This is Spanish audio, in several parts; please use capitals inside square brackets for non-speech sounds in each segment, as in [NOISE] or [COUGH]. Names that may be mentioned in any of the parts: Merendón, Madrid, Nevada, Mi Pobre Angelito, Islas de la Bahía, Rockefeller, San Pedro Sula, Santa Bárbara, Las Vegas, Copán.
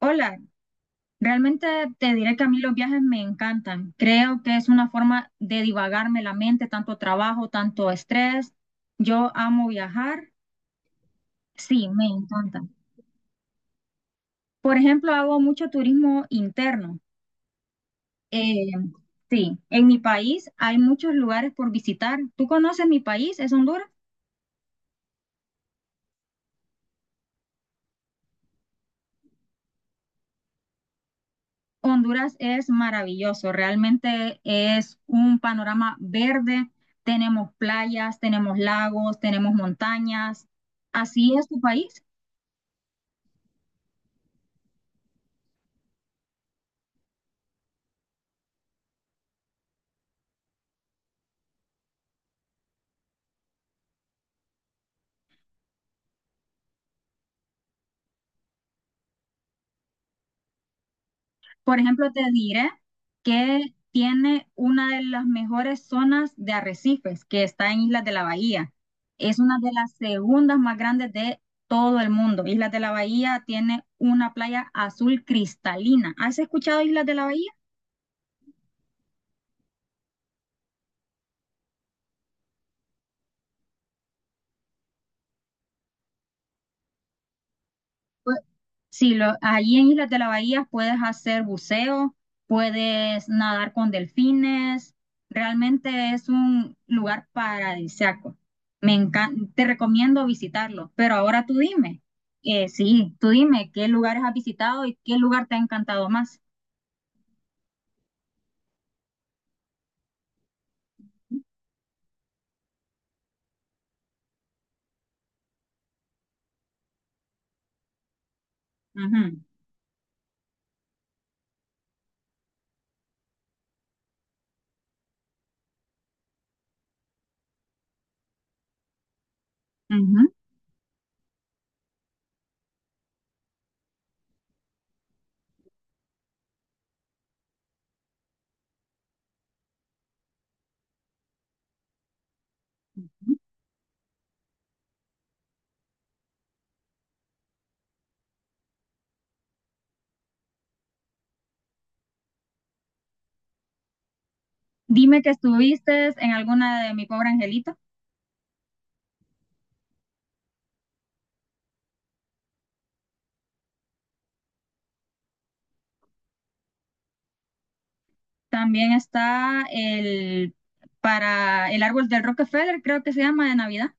Hola, realmente te diré que a mí los viajes me encantan. Creo que es una forma de divagarme la mente, tanto trabajo, tanto estrés. Yo amo viajar, sí, me encanta. Por ejemplo, hago mucho turismo interno. Eh, sí, en mi país hay muchos lugares por visitar. ¿Tú conoces mi país? ¿Es Honduras? Honduras es maravilloso, realmente es un panorama verde, tenemos playas, tenemos lagos, tenemos montañas, así es tu país. Por ejemplo, te diré que tiene una de las mejores zonas de arrecifes que está en Islas de la Bahía. Es una de las segundas más grandes de todo el mundo. Islas de la Bahía tiene una playa azul cristalina. ¿Has escuchado Islas de la Bahía? Sí, allí en Islas de la Bahía puedes hacer buceo, puedes nadar con delfines. Realmente es un lugar paradisíaco. Me encanta, te recomiendo visitarlo. Pero ahora tú dime, sí, tú dime qué lugares has visitado y qué lugar te ha encantado más. Ujú, ujú. Dime que estuviste en alguna de Mi Pobre Angelito. También está el para el árbol del Rockefeller, creo que se llama de Navidad.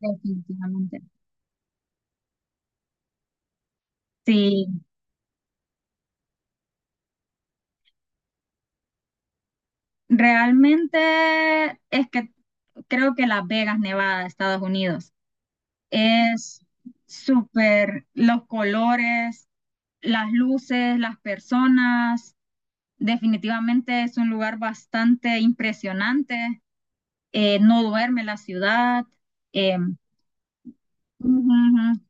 Definitivamente. Sí, realmente es que creo que Las Vegas, Nevada, Estados Unidos, es súper, los colores, las luces, las personas, definitivamente es un lugar bastante impresionante, no duerme la ciudad, eh, ujú, ujú.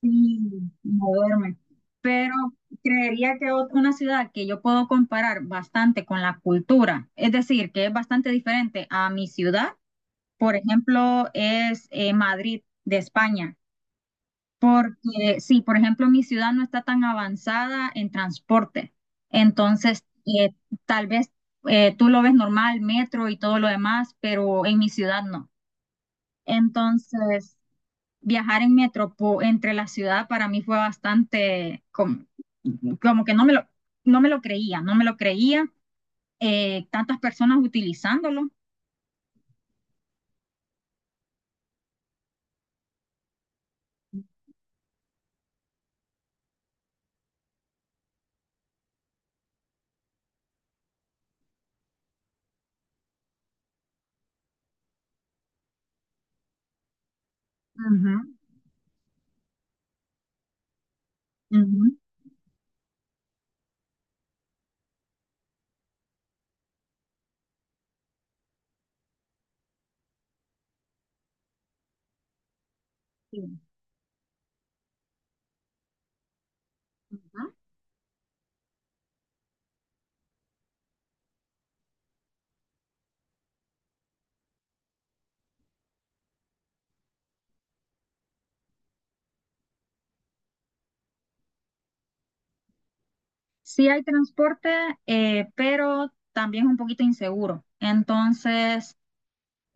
Sí, no duerme. Pero creería que una ciudad que yo puedo comparar bastante con la cultura, es decir, que es bastante diferente a mi ciudad, por ejemplo, es Madrid de España, porque sí, por ejemplo, mi ciudad no está tan avanzada en transporte, entonces tal vez tú lo ves normal, metro y todo lo demás, pero en mi ciudad no. Entonces, viajar en entre la ciudad para mí fue bastante como, que no me lo creía, tantas personas utilizándolo. Ujú, ujú. Sí. Ujú. Sí hay transporte, pero también es un poquito inseguro. Entonces,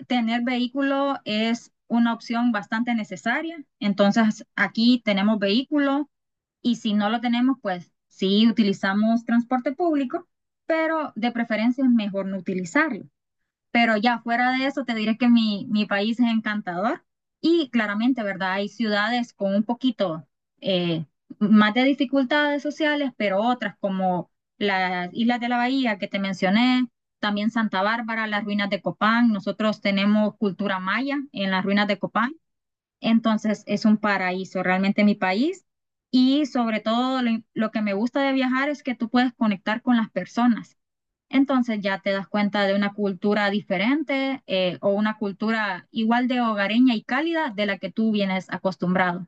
tener vehículo es una opción bastante necesaria. Entonces, aquí tenemos vehículos. Y si no lo tenemos, pues sí utilizamos transporte público, pero de preferencia es mejor no utilizarlo. Pero ya fuera de eso, te diré que mi país es encantador y claramente, ¿verdad? Hay ciudades con un poquito eh, más de dificultades sociales, pero otras como las Islas de la Bahía que te mencioné, también Santa Bárbara, las ruinas de Copán. Nosotros tenemos cultura maya en las ruinas de Copán, entonces es un paraíso realmente mi país, y sobre todo lo que me gusta de viajar es que tú puedes conectar con las personas. Entonces ya te das cuenta de una cultura diferente, o una cultura igual de hogareña y cálida de la que tú vienes acostumbrado.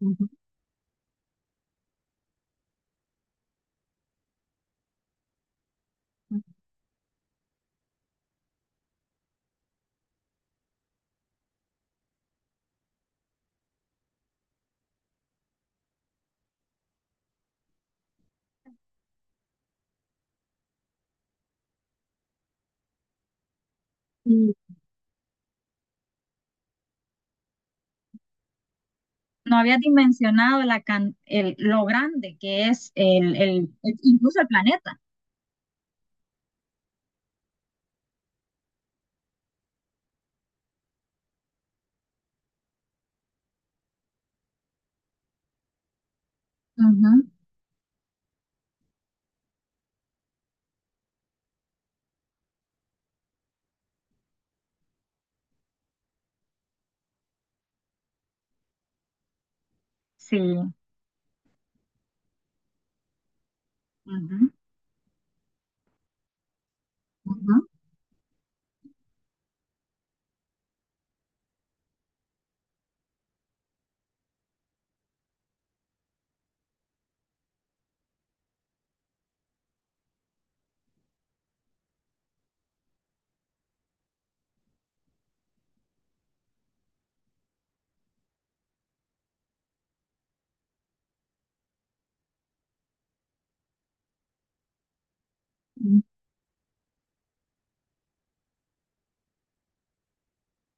Ujú. Y no había dimensionado la lo grande que es incluso el planeta. Ujú. Sí. Ujú. Ujú.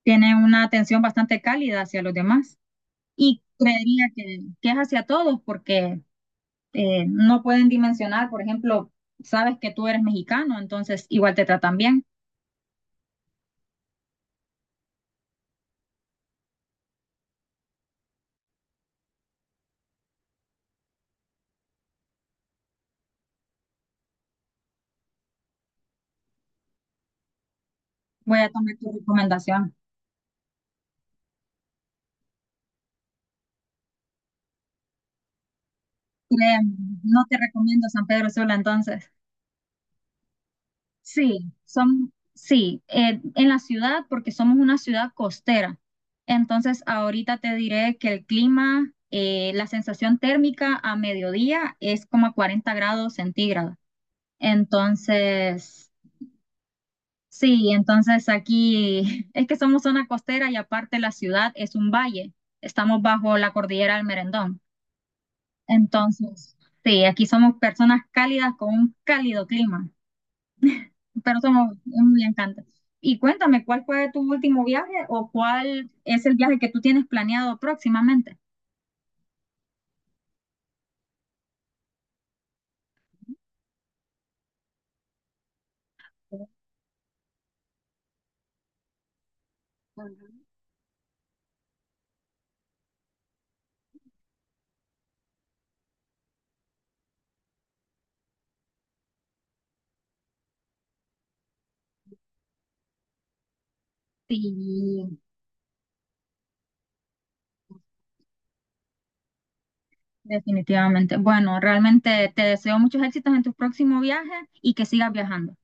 Tiene una atención bastante cálida hacia los demás, y creería que es hacia todos porque no pueden dimensionar, por ejemplo, sabes que tú eres mexicano, entonces igual te tratan bien. Voy a tomar tu recomendación. Créeme, no te recomiendo San Pedro Sula entonces. Sí, son, sí, en la ciudad porque somos una ciudad costera. Entonces ahorita te diré que el clima, la sensación térmica a mediodía es como a 40 °C. Entonces... Sí, entonces aquí [LAUGHS] es que somos zona costera y aparte la ciudad es un valle. Estamos bajo la cordillera del Merendón. Entonces, sí, aquí somos personas cálidas con un cálido clima, pero somos muy encantados. Y cuéntame, ¿cuál fue tu último viaje o cuál es el viaje que tú tienes planeado próximamente? Sí, definitivamente. Bueno, realmente te deseo muchos éxitos en tu próximo viaje y que sigas viajando.